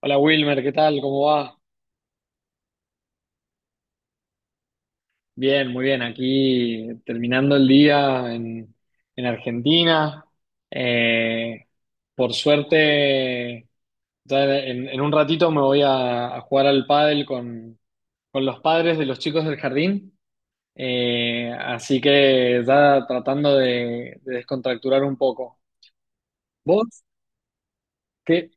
Hola Wilmer, ¿qué tal? ¿Cómo va? Bien, muy bien. Aquí terminando el día en Argentina. Eh, por suerte, ya en un ratito me voy a jugar al pádel con los padres de los chicos del jardín. Así que ya tratando de descontracturar un poco. ¿Vos? ¿Qué,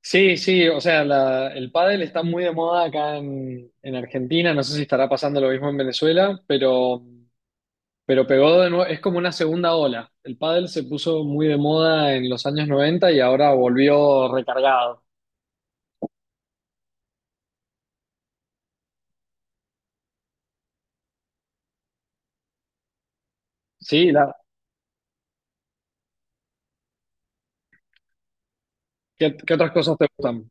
Sí, sí, o sea, el pádel está muy de moda acá en Argentina, no sé si estará pasando lo mismo en Venezuela, pero pegó de nuevo, es como una segunda ola. El pádel se puso muy de moda en los años 90 y ahora volvió recargado. Sí, ¿qué otras cosas te gustan?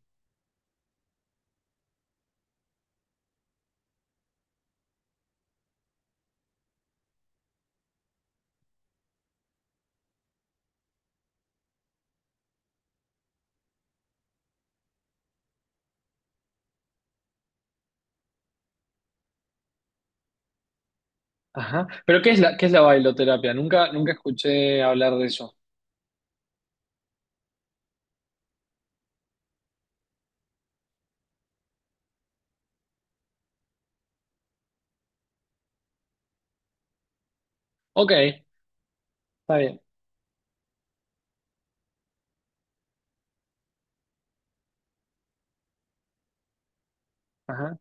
Ajá. Pero ¿qué es la bailoterapia? Nunca, nunca escuché hablar de eso. Ok, está bien. Ajá.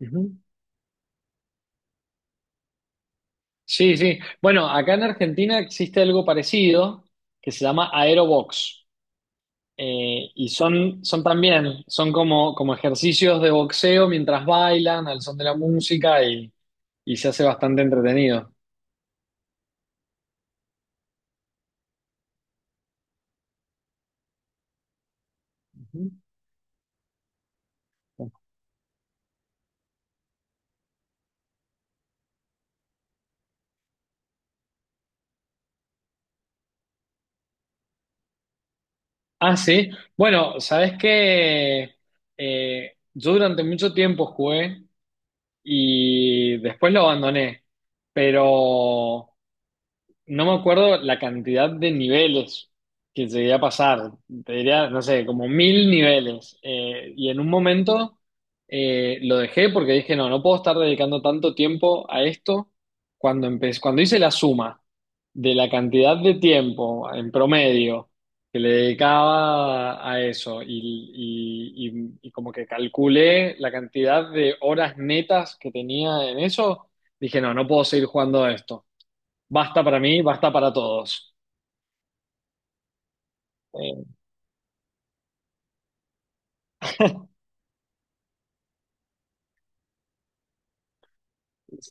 Ujú. Sí, sí. Bueno, acá en Argentina existe algo parecido que se llama aerobox. Y son también, son como ejercicios de boxeo mientras bailan al son de la música y se hace bastante entretenido. Ujú. Ah, sí. Bueno, sabes que yo durante mucho tiempo jugué y después lo abandoné, pero no me acuerdo la cantidad de niveles que llegué a pasar. Te diría, no sé, como 1.000 niveles. Y en un momento lo dejé porque dije, no, no puedo estar dedicando tanto tiempo a esto. Cuando empecé, cuando hice la suma de la cantidad de tiempo en promedio que le dedicaba a eso y como que calculé la cantidad de horas netas que tenía en eso, dije, no, no puedo seguir jugando a esto. Basta para mí, basta para todos. Eh,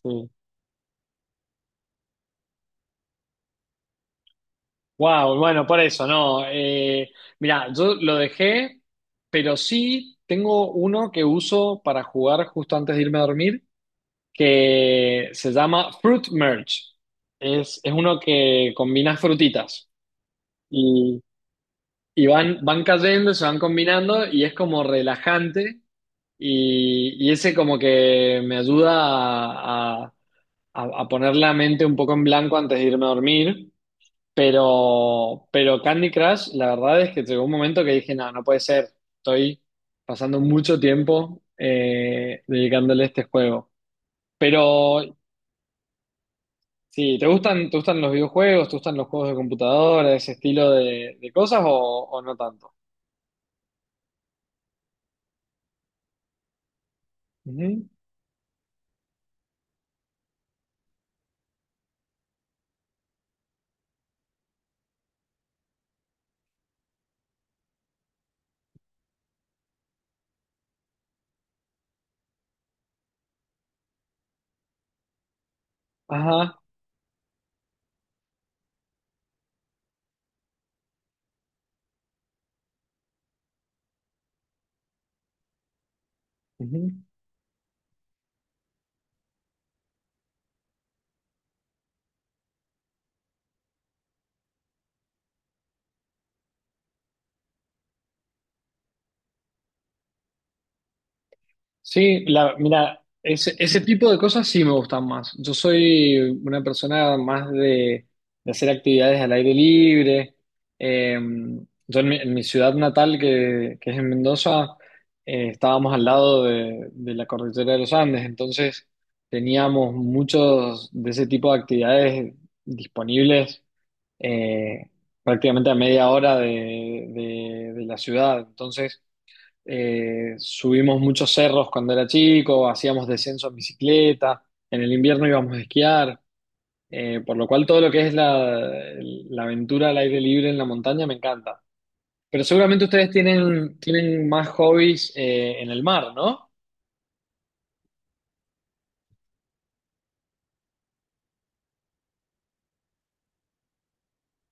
sí. Wow, bueno, por eso, no. Mira, yo lo dejé, pero sí tengo uno que uso para jugar justo antes de irme a dormir, que se llama Fruit Merge. Es uno que combina frutitas y, y van cayendo, se van combinando y es como relajante y ese como que me ayuda a, a a poner la mente un poco en blanco antes de irme a dormir, pero Candy Crush, la verdad es que llegó un momento que dije, no, no puede ser, estoy pasando mucho tiempo dedicándole a este juego. Pero sí, ¿te gustan los videojuegos, te gustan los juegos de computadora, ese estilo de cosas o no tanto? Ujú, ajá. Ujú. Sí, mira, ese tipo de cosas sí me gustan más. Yo soy una persona más de hacer actividades al aire libre. Eh, yo en mi ciudad natal, que es en Mendoza, estábamos al lado de la cordillera de los Andes, entonces teníamos muchos de ese tipo de actividades disponibles eh, prácticamente a media hora de la ciudad. Entonces, subimos muchos cerros cuando era chico, hacíamos descenso en bicicleta, en el invierno íbamos a esquiar, por lo cual todo lo que es la aventura al aire libre en la montaña me encanta. Pero seguramente ustedes tienen más hobbies en el mar, ¿no?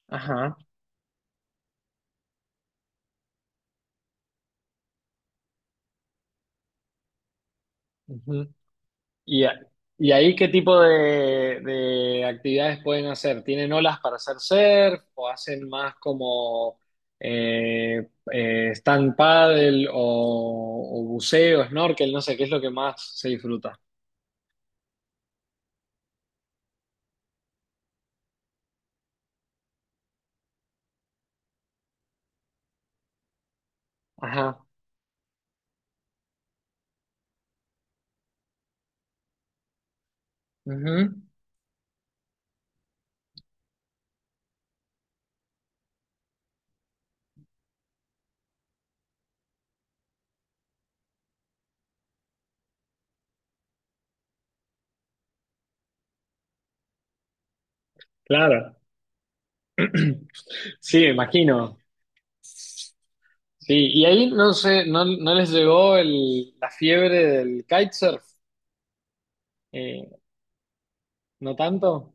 Ajá. Ujú. ¿Y, a- y ahí qué tipo de actividades pueden hacer? ¿Tienen olas para hacer surf o hacen más como stand paddle o buceo, snorkel? No sé, ¿qué es lo que más se disfruta? Ajá. Ujú. Claro. Sí, me imagino. Sí, y ahí no sé, no, no les llegó la fiebre del kitesurf. Eh, ¿No tanto?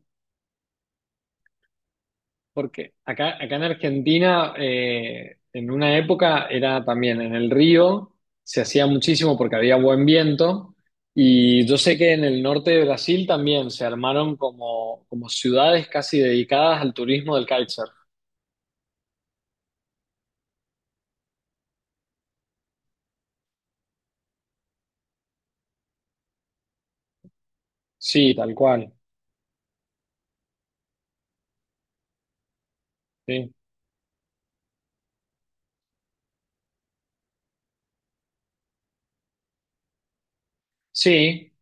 Porque acá en Argentina, en una época era también en el río, se hacía muchísimo porque había buen viento. Y yo sé que en el norte de Brasil también se armaron como ciudades casi dedicadas al turismo del kitesurf. Sí, tal cual. Sí, sí.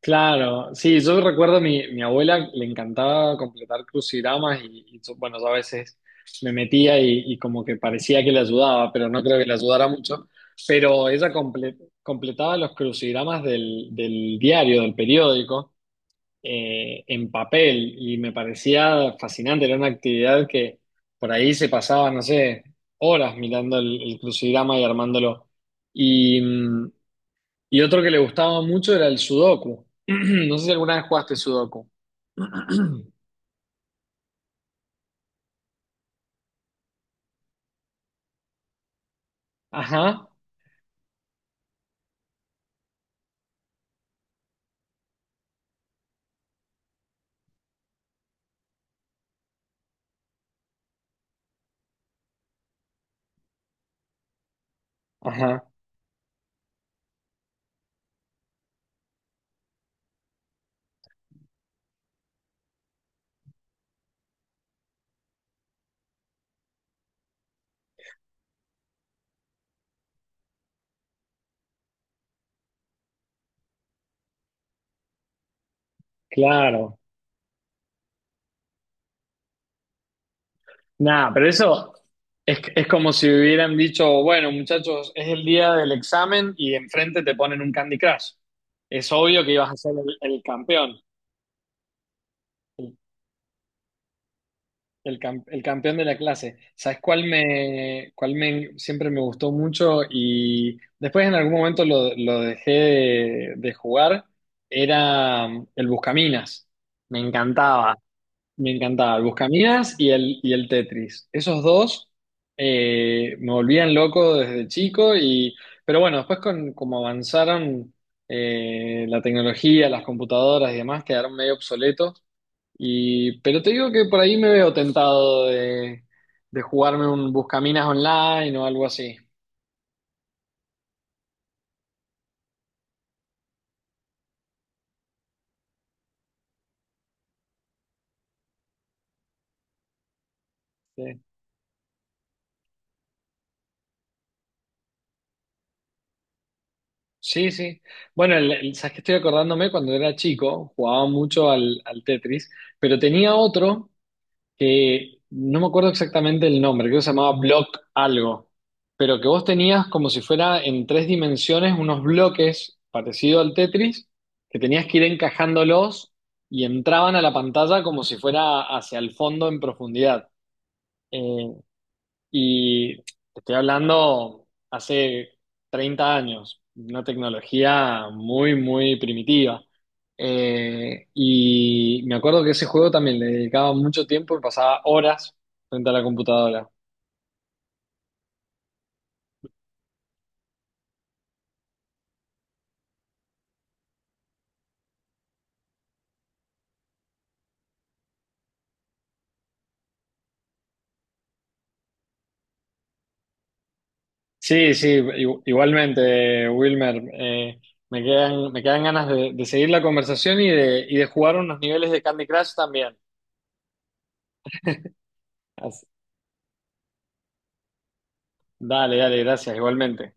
Claro, sí, yo recuerdo a mi abuela le encantaba completar crucigramas y yo, bueno, yo a veces me metía y como que parecía que le ayudaba, pero no creo que le ayudara mucho. Pero ella completaba los crucigramas del diario, del periódico, en papel y me parecía fascinante, era una actividad que por ahí se pasaba, no sé, horas mirando el crucigrama y armándolo. Y otro que le gustaba mucho era el Sudoku. No sé si alguna vez jugaste Sudoku. Ajá, ajá, claro. Nada, pero eso es como si hubieran dicho, bueno, muchachos, es el día del examen y enfrente te ponen un Candy Crush. Es obvio que ibas a ser el campeón. El campeón de la clase. ¿Sabes cuál me siempre me gustó mucho? Y después en algún momento lo dejé de jugar. Era el Buscaminas. Me encantaba. Me encantaba. El Buscaminas y el Tetris. Esos dos me volvían loco desde chico. Pero bueno, después con como avanzaron la tecnología, las computadoras y demás, quedaron medio obsoletos. Pero te digo que por ahí me veo tentado de jugarme un Buscaminas online o algo así. Sí, sí. Sí. Bueno, sabes que estoy acordándome cuando era chico, jugaba mucho al Tetris, pero tenía otro que no me acuerdo exactamente el nombre, creo que se llamaba Block algo, pero que vos tenías como si fuera en tres dimensiones unos bloques parecido al Tetris, que tenías que ir encajándolos y entraban a la pantalla como si fuera hacia el fondo en profundidad. Eh, y te estoy hablando hace 30 años, una tecnología muy, muy primitiva. Y me acuerdo que ese juego también le dedicaba mucho tiempo y pasaba horas frente a la computadora. Sí, sí, igualmente, Wilmer. Me quedan ganas de seguir la conversación y de jugar unos niveles de Candy Crush también. Así- Dale, dale, gracias, igualmente.